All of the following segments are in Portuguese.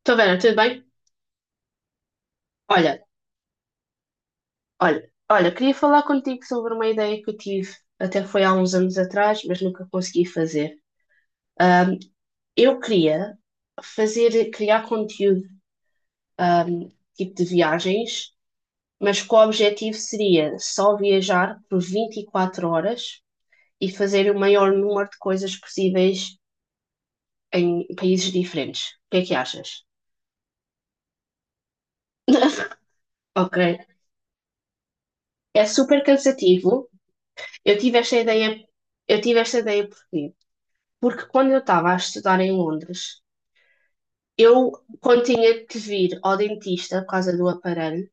Estou Vera, tudo bem? Olha, olha, queria falar contigo sobre uma ideia que eu tive, até foi há uns anos atrás, mas nunca consegui fazer. Eu queria fazer, criar conteúdo, hum, tipo de viagens, mas que o objetivo seria só viajar por 24 horas e fazer o maior número de coisas possíveis em países diferentes. O que é que achas? Ok, é super cansativo. Eu tive esta ideia, eu tive esta ideia porque quando eu estava a estudar em Londres, eu, quando tinha que vir ao dentista por causa do aparelho,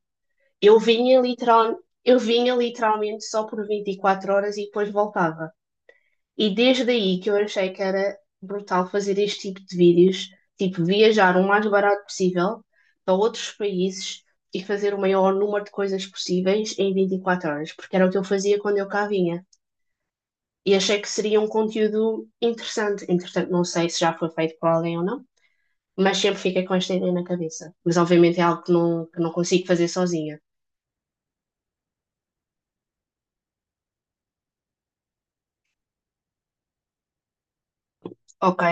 eu vinha literal, eu vinha literalmente só por 24 horas e depois voltava. E desde aí que eu achei que era brutal fazer este tipo de vídeos, tipo viajar o mais barato possível para outros países e fazer o maior número de coisas possíveis em 24 horas, porque era o que eu fazia quando eu cá vinha. E achei que seria um conteúdo interessante. Entretanto, não sei se já foi feito por alguém ou não, mas sempre fica com esta ideia na cabeça. Mas obviamente é algo que não consigo fazer sozinha. Ok,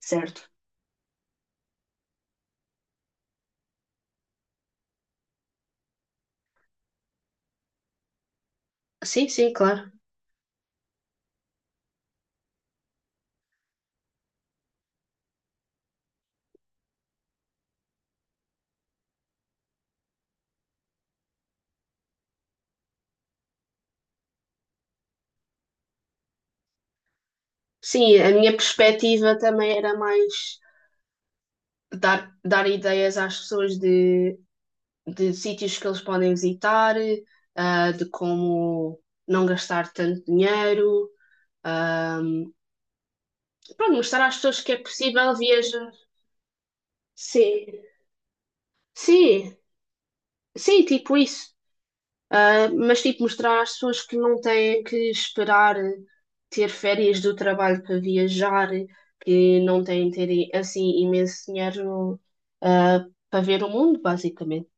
certo. Sim, sim, claro. Sim, a minha perspectiva também era mais dar ideias às pessoas de sítios que eles podem visitar, de como não gastar tanto dinheiro. Pronto, mostrar às pessoas que é possível viajar. Sim, sim, sim, tipo isso. Mas, tipo, mostrar às pessoas que não têm que esperar ter férias do trabalho para viajar, que não têm que ter, assim, imenso dinheiro, ah, para ver o mundo, basicamente.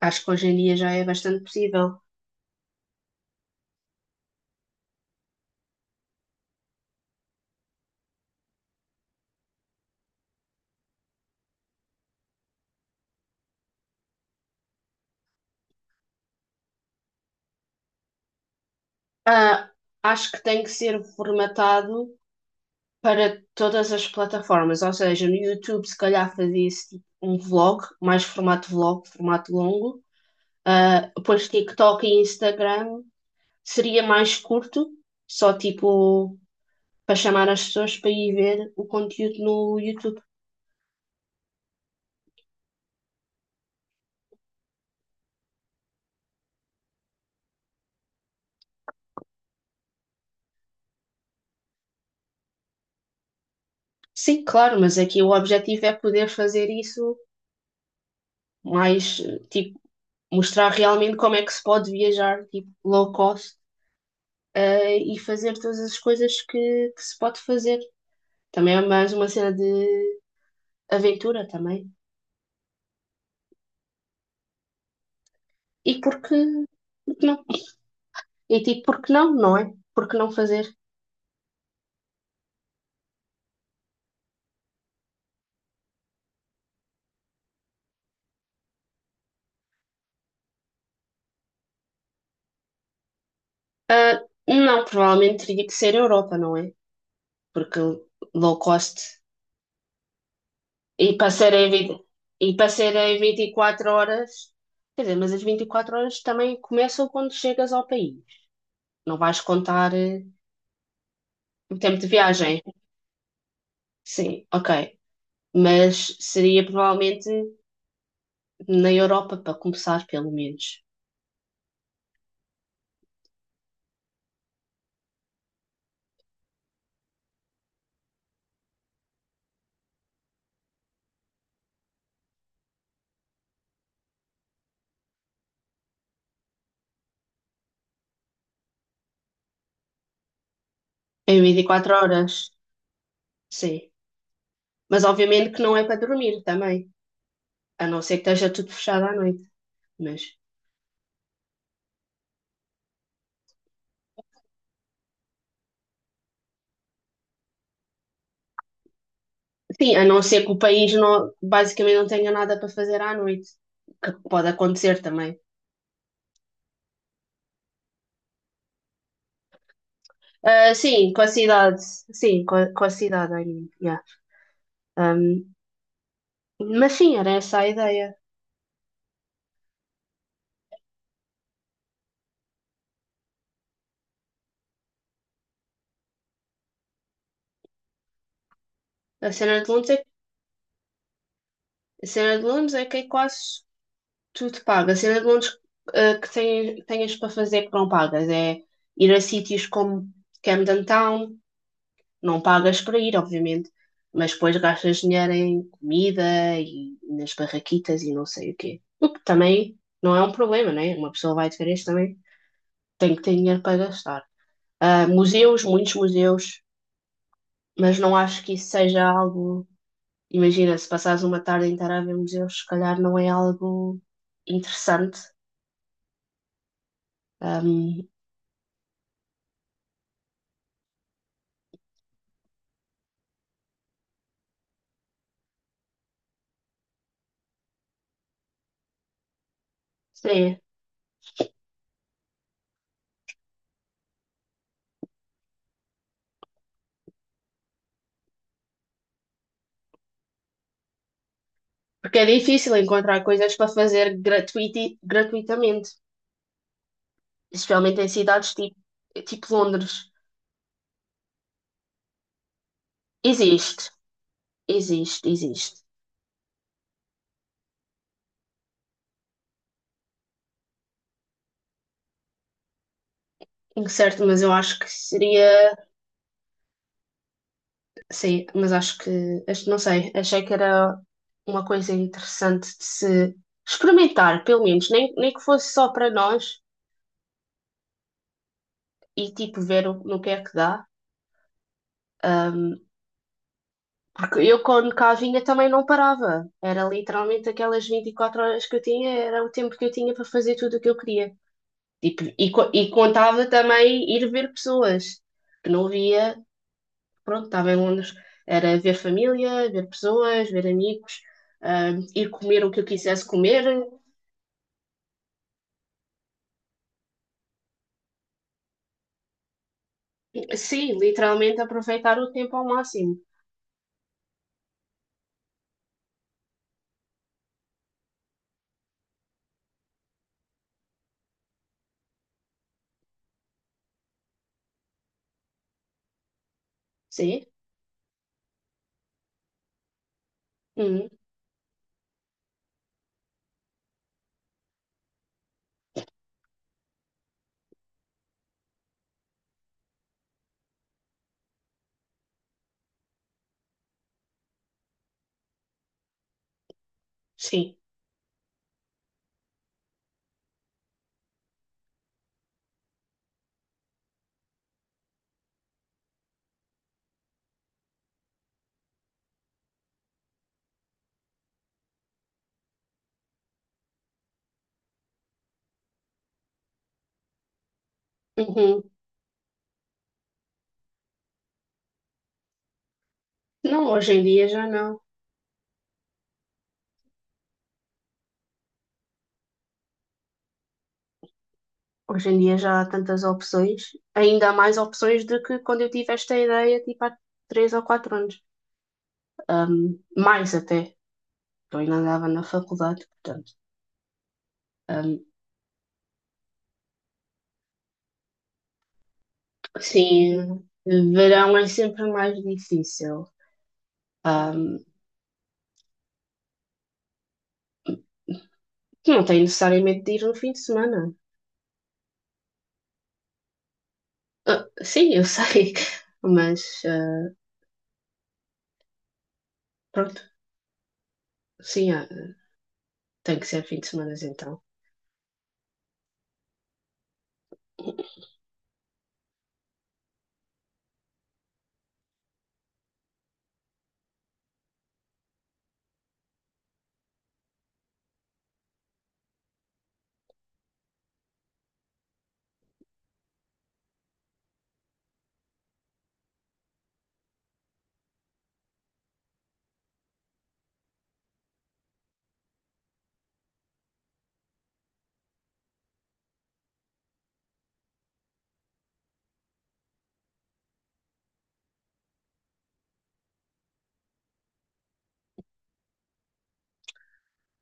Acho que hoje em dia já é bastante possível. Ah, acho que tem que ser formatado para todas as plataformas, ou seja, no YouTube, se calhar, fazia-se tipo, um vlog, mais formato vlog, formato longo. Depois TikTok e Instagram seria mais curto, só tipo para chamar as pessoas para ir ver o conteúdo no YouTube. Sim, claro, mas aqui o objetivo é poder fazer isso mais, tipo, mostrar realmente como é que se pode viajar, tipo, low cost, e fazer todas as coisas que se pode fazer. Também é mais uma cena de aventura também. E porque não? E tipo, porque não, não é? Porque não fazer? Ah, não, provavelmente teria que ser Europa, não é? Porque low cost e para ser em 20 e para serem 24 horas, quer dizer, mas as 24 horas também começam quando chegas ao país. Não vais contar o tempo de viagem. Sim, ok. Mas seria provavelmente na Europa, para começar, pelo menos. Em 24 horas. Sim. Mas obviamente que não é para dormir também. A não ser que esteja tudo fechado à noite. Mas. Sim, a não ser que o país não, basicamente não tenha nada para fazer à noite. Que pode acontecer também. Ah, sim, com a cidade. Sim, com a cidade. I yeah. Um, mas sim, era essa a ideia. A cena de Londres é, a cena de Londres é que é quase tudo pago. A cena de Londres que tens para fazer que não pagas é ir a sítios como Camden Town, não pagas para ir, obviamente, mas depois gastas dinheiro em comida e nas barraquitas e não sei o quê. O que também não é um problema, né? Uma pessoa vai de férias também tem que ter dinheiro para gastar. Museus, muitos museus, mas não acho que isso seja algo. Imagina, se passares uma tarde inteira a ver museus, se calhar não é algo interessante. Ahm, sim, porque é difícil encontrar coisas para fazer gratuitamente, especialmente em cidades tipo, tipo Londres. Existe, existe, existe. Em certo, mas eu acho que seria. Sim, mas não sei, achei que era uma coisa interessante de se experimentar, pelo menos, nem que fosse só para nós e tipo ver o, no que é que dá. Ahm, porque eu quando cá vinha também não parava, era literalmente aquelas 24 horas que eu tinha, era o tempo que eu tinha para fazer tudo o que eu queria. Tipo, e contava também ir ver pessoas que não via, pronto, estava em Londres, era ver família, ver pessoas, ver amigos, ir comer o que eu quisesse comer. Sim, literalmente aproveitar o tempo ao máximo. Sim? Uhum, sim. Uhum. Não, hoje em dia já não. Hoje em dia já há tantas opções, ainda há mais opções do que quando eu tive esta ideia, tipo há 3 ou 4 anos. Mais até, porque eu ainda andava na faculdade, portanto. Um, sim, verão é sempre mais difícil. Não tem necessariamente de ir no fim de semana. Ah, sim, eu sei, mas pronto, sim, tem que ser fim de semana então.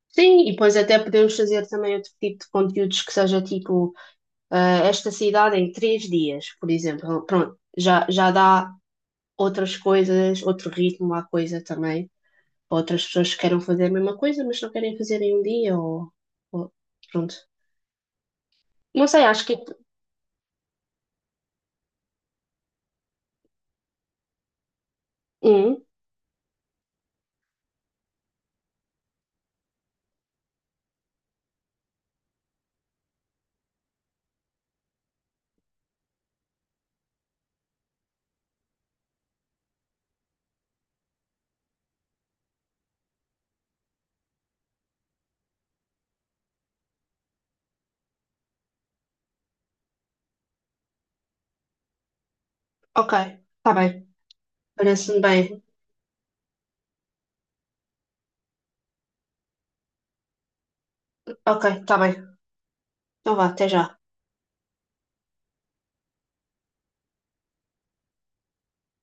Sim, e depois até podemos fazer também outro tipo de conteúdos que seja tipo esta cidade em 3 dias, por exemplo. Pronto, já, já dá outras coisas, outro ritmo à coisa também, outras pessoas que queiram fazer a mesma coisa, mas não querem fazer em um dia ou- pronto. Não sei, acho que. Hum, ok, tá bem, parece-me bem. Ok, tá bem. Então vá, até já.